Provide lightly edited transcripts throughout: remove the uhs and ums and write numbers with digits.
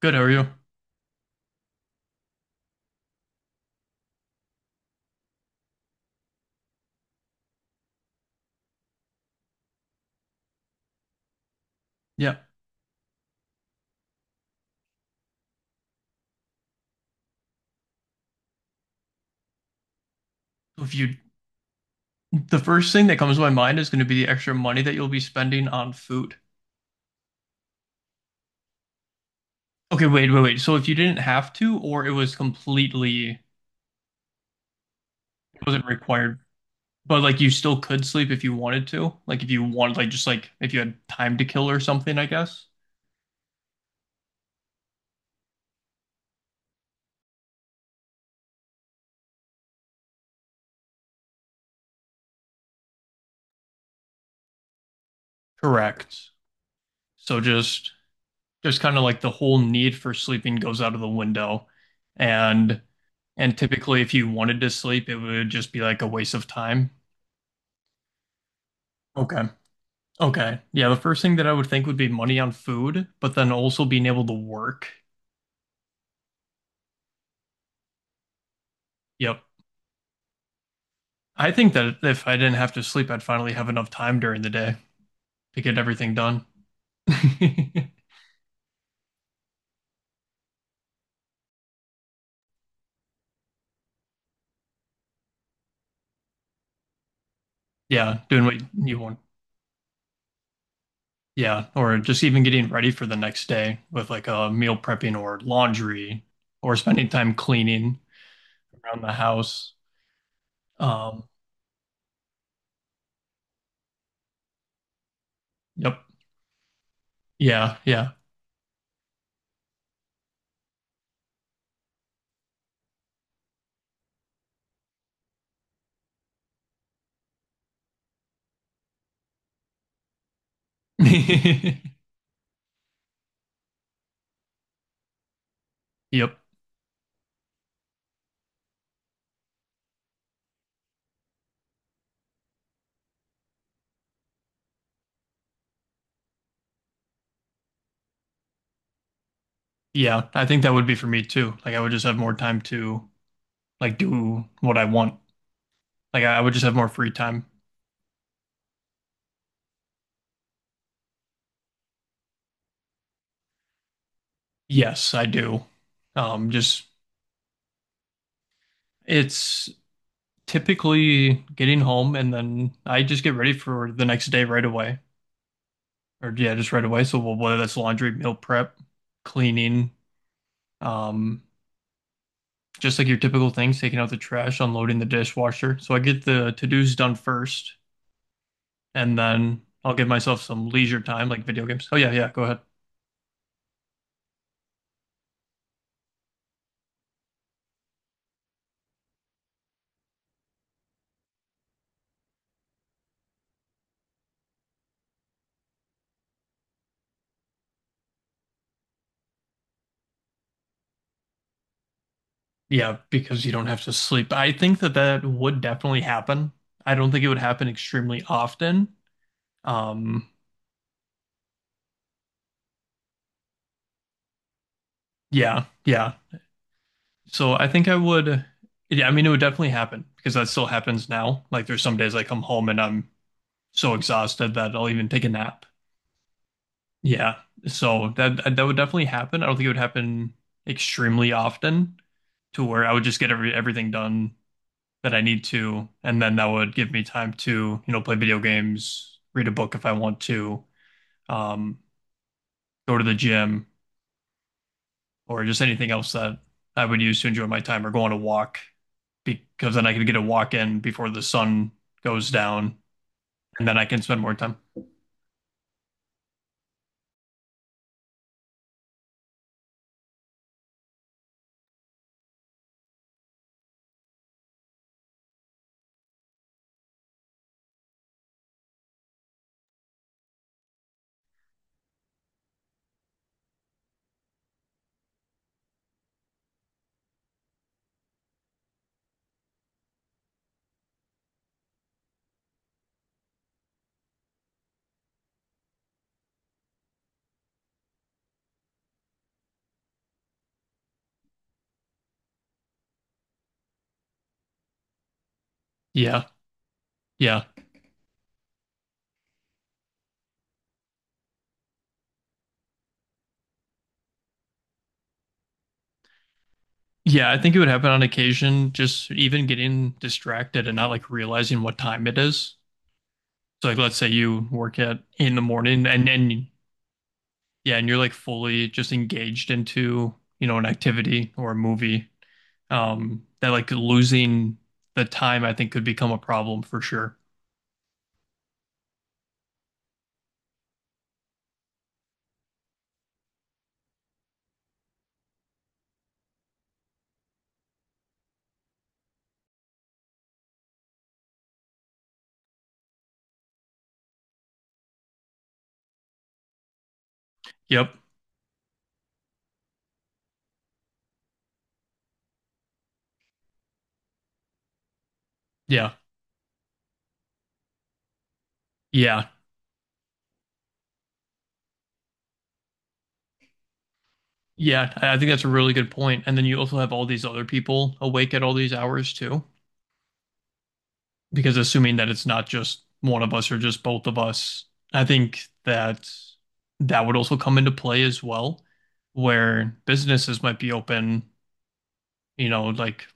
Good, how are you? Yeah. So if you, the first thing that comes to my mind is going to be the extra money that you'll be spending on food. Okay, wait, wait, wait. So if you didn't have to, or it was completely, it wasn't required, but like you still could sleep if you wanted to, like if you wanted, like just like if you had time to kill or something, I guess. Correct. So just kind of like the whole need for sleeping goes out of the window. And and typically if you wanted to sleep, it would just be like a waste of time. Okay. Okay. Yeah, the first thing that I would think would be money on food, but then also being able to work. Yep. I think that if I didn't have to sleep, I'd finally have enough time during the day to get everything done. Yeah, doing what you want. Yeah, or just even getting ready for the next day with like a meal prepping or laundry or spending time cleaning around the house. Um, yep. Yeah. Yeah. Yep. Yeah. I think that would be for me too. Like I would just have more time to like do what I want. Like I would just have more free time. Yes, I do. Just it's typically getting home and then I just get ready for the next day right away. Or yeah, just right away. So well, whether that's laundry, meal prep, cleaning, um, just like your typical things, taking out the trash, unloading the dishwasher. So I get the to-dos done first, and then I'll give myself some leisure time, like video games. Oh yeah, yeah, go ahead. Yeah, because you don't have to sleep. I think that that would definitely happen. I don't think it would happen extremely often. Um, yeah, yeah. So I think I would, yeah, I mean, it would definitely happen because that still happens now. Like there's some days I come home and I'm so exhausted that I'll even take a nap. Yeah. So that that would definitely happen. I don't think it would happen extremely often to where I would just get every everything done that I need to, and then that would give me time to, play video games, read a book if I want to, um, go to the gym, or just anything else that I would use to enjoy my time or go on a walk because then I could get a walk in before the sun goes down and then I can spend more time. Yeah. Yeah. Yeah, I think it would happen on occasion, just even getting distracted and not like realizing what time it is. So like let's say you work at in the morning and then yeah, and you're like fully just engaged into, an activity or a movie. That like losing the time I think could become a problem for sure. Yep. Yeah. Yeah. Yeah. I think that's a really good point. And then you also have all these other people awake at all these hours too, because assuming that it's not just one of us or just both of us, I think that that would also come into play as well, where businesses might be open, like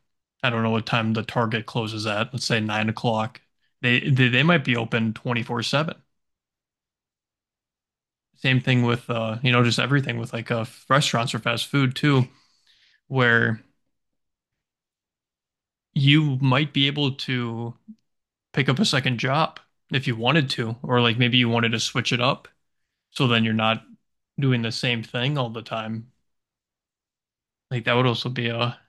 I don't know what time the Target closes at, let's say 9 o'clock. They might be open 24/7. Same thing with you know, just everything with like restaurants or fast food too, where you might be able to pick up a second job if you wanted to, or like maybe you wanted to switch it up. So then you're not doing the same thing all the time. Like that would also be a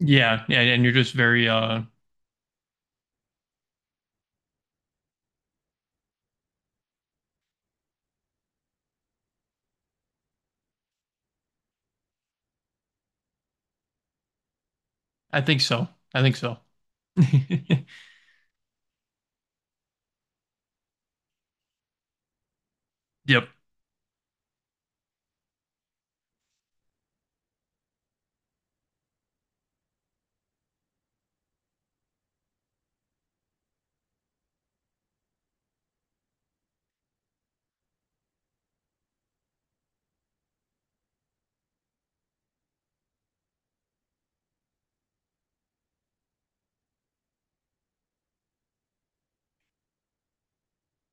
yeah, yeah, and you're just very I think so. I think so. Yep.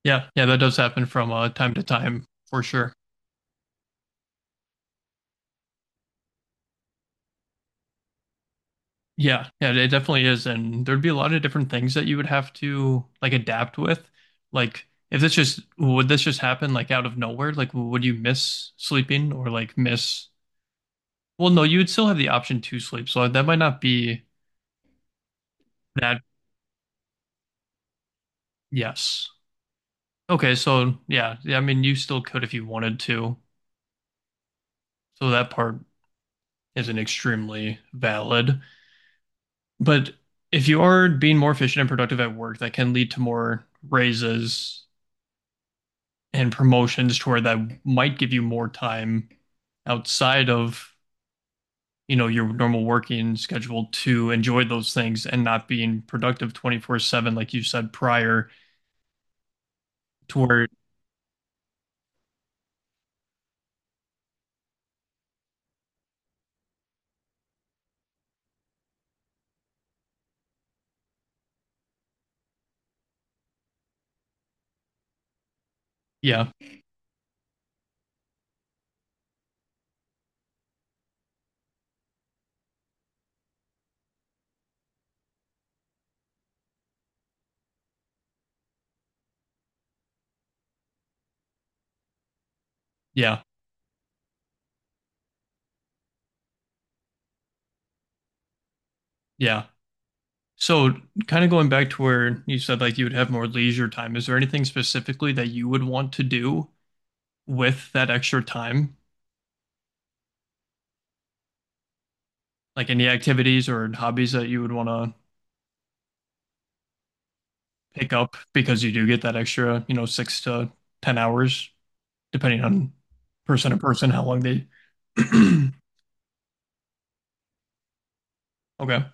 Yeah, yeah, that does happen from time to time for sure. Yeah, yeah, it definitely is. And there'd be a lot of different things that you would have to like adapt with. Like if this just would this just happen like out of nowhere? Like would you miss sleeping or like miss well, no, you would still have the option to sleep. So that might not be that yes. Okay, so yeah, yeah, I mean, you still could if you wanted to. So that part isn't extremely valid. But if you are being more efficient and productive at work, that can lead to more raises and promotions to where that might give you more time outside of, your normal working schedule to enjoy those things and not being productive 24/7, like you said prior, to where, yeah, yeah, yeah. So, kind of going back to where you said like you would have more leisure time, is there anything specifically that you would want to do with that extra time? Like any activities or hobbies that you would want to pick up because you do get that extra, six to 10 hours, depending on person to person, how long they. Okay.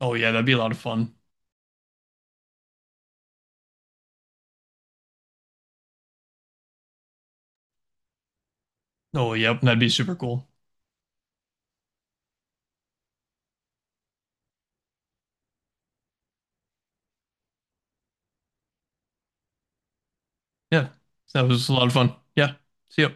Oh, yeah, that'd be a lot of fun. Oh, yep, that'd be super cool. Yeah, that was a lot of fun. Yeah, see ya.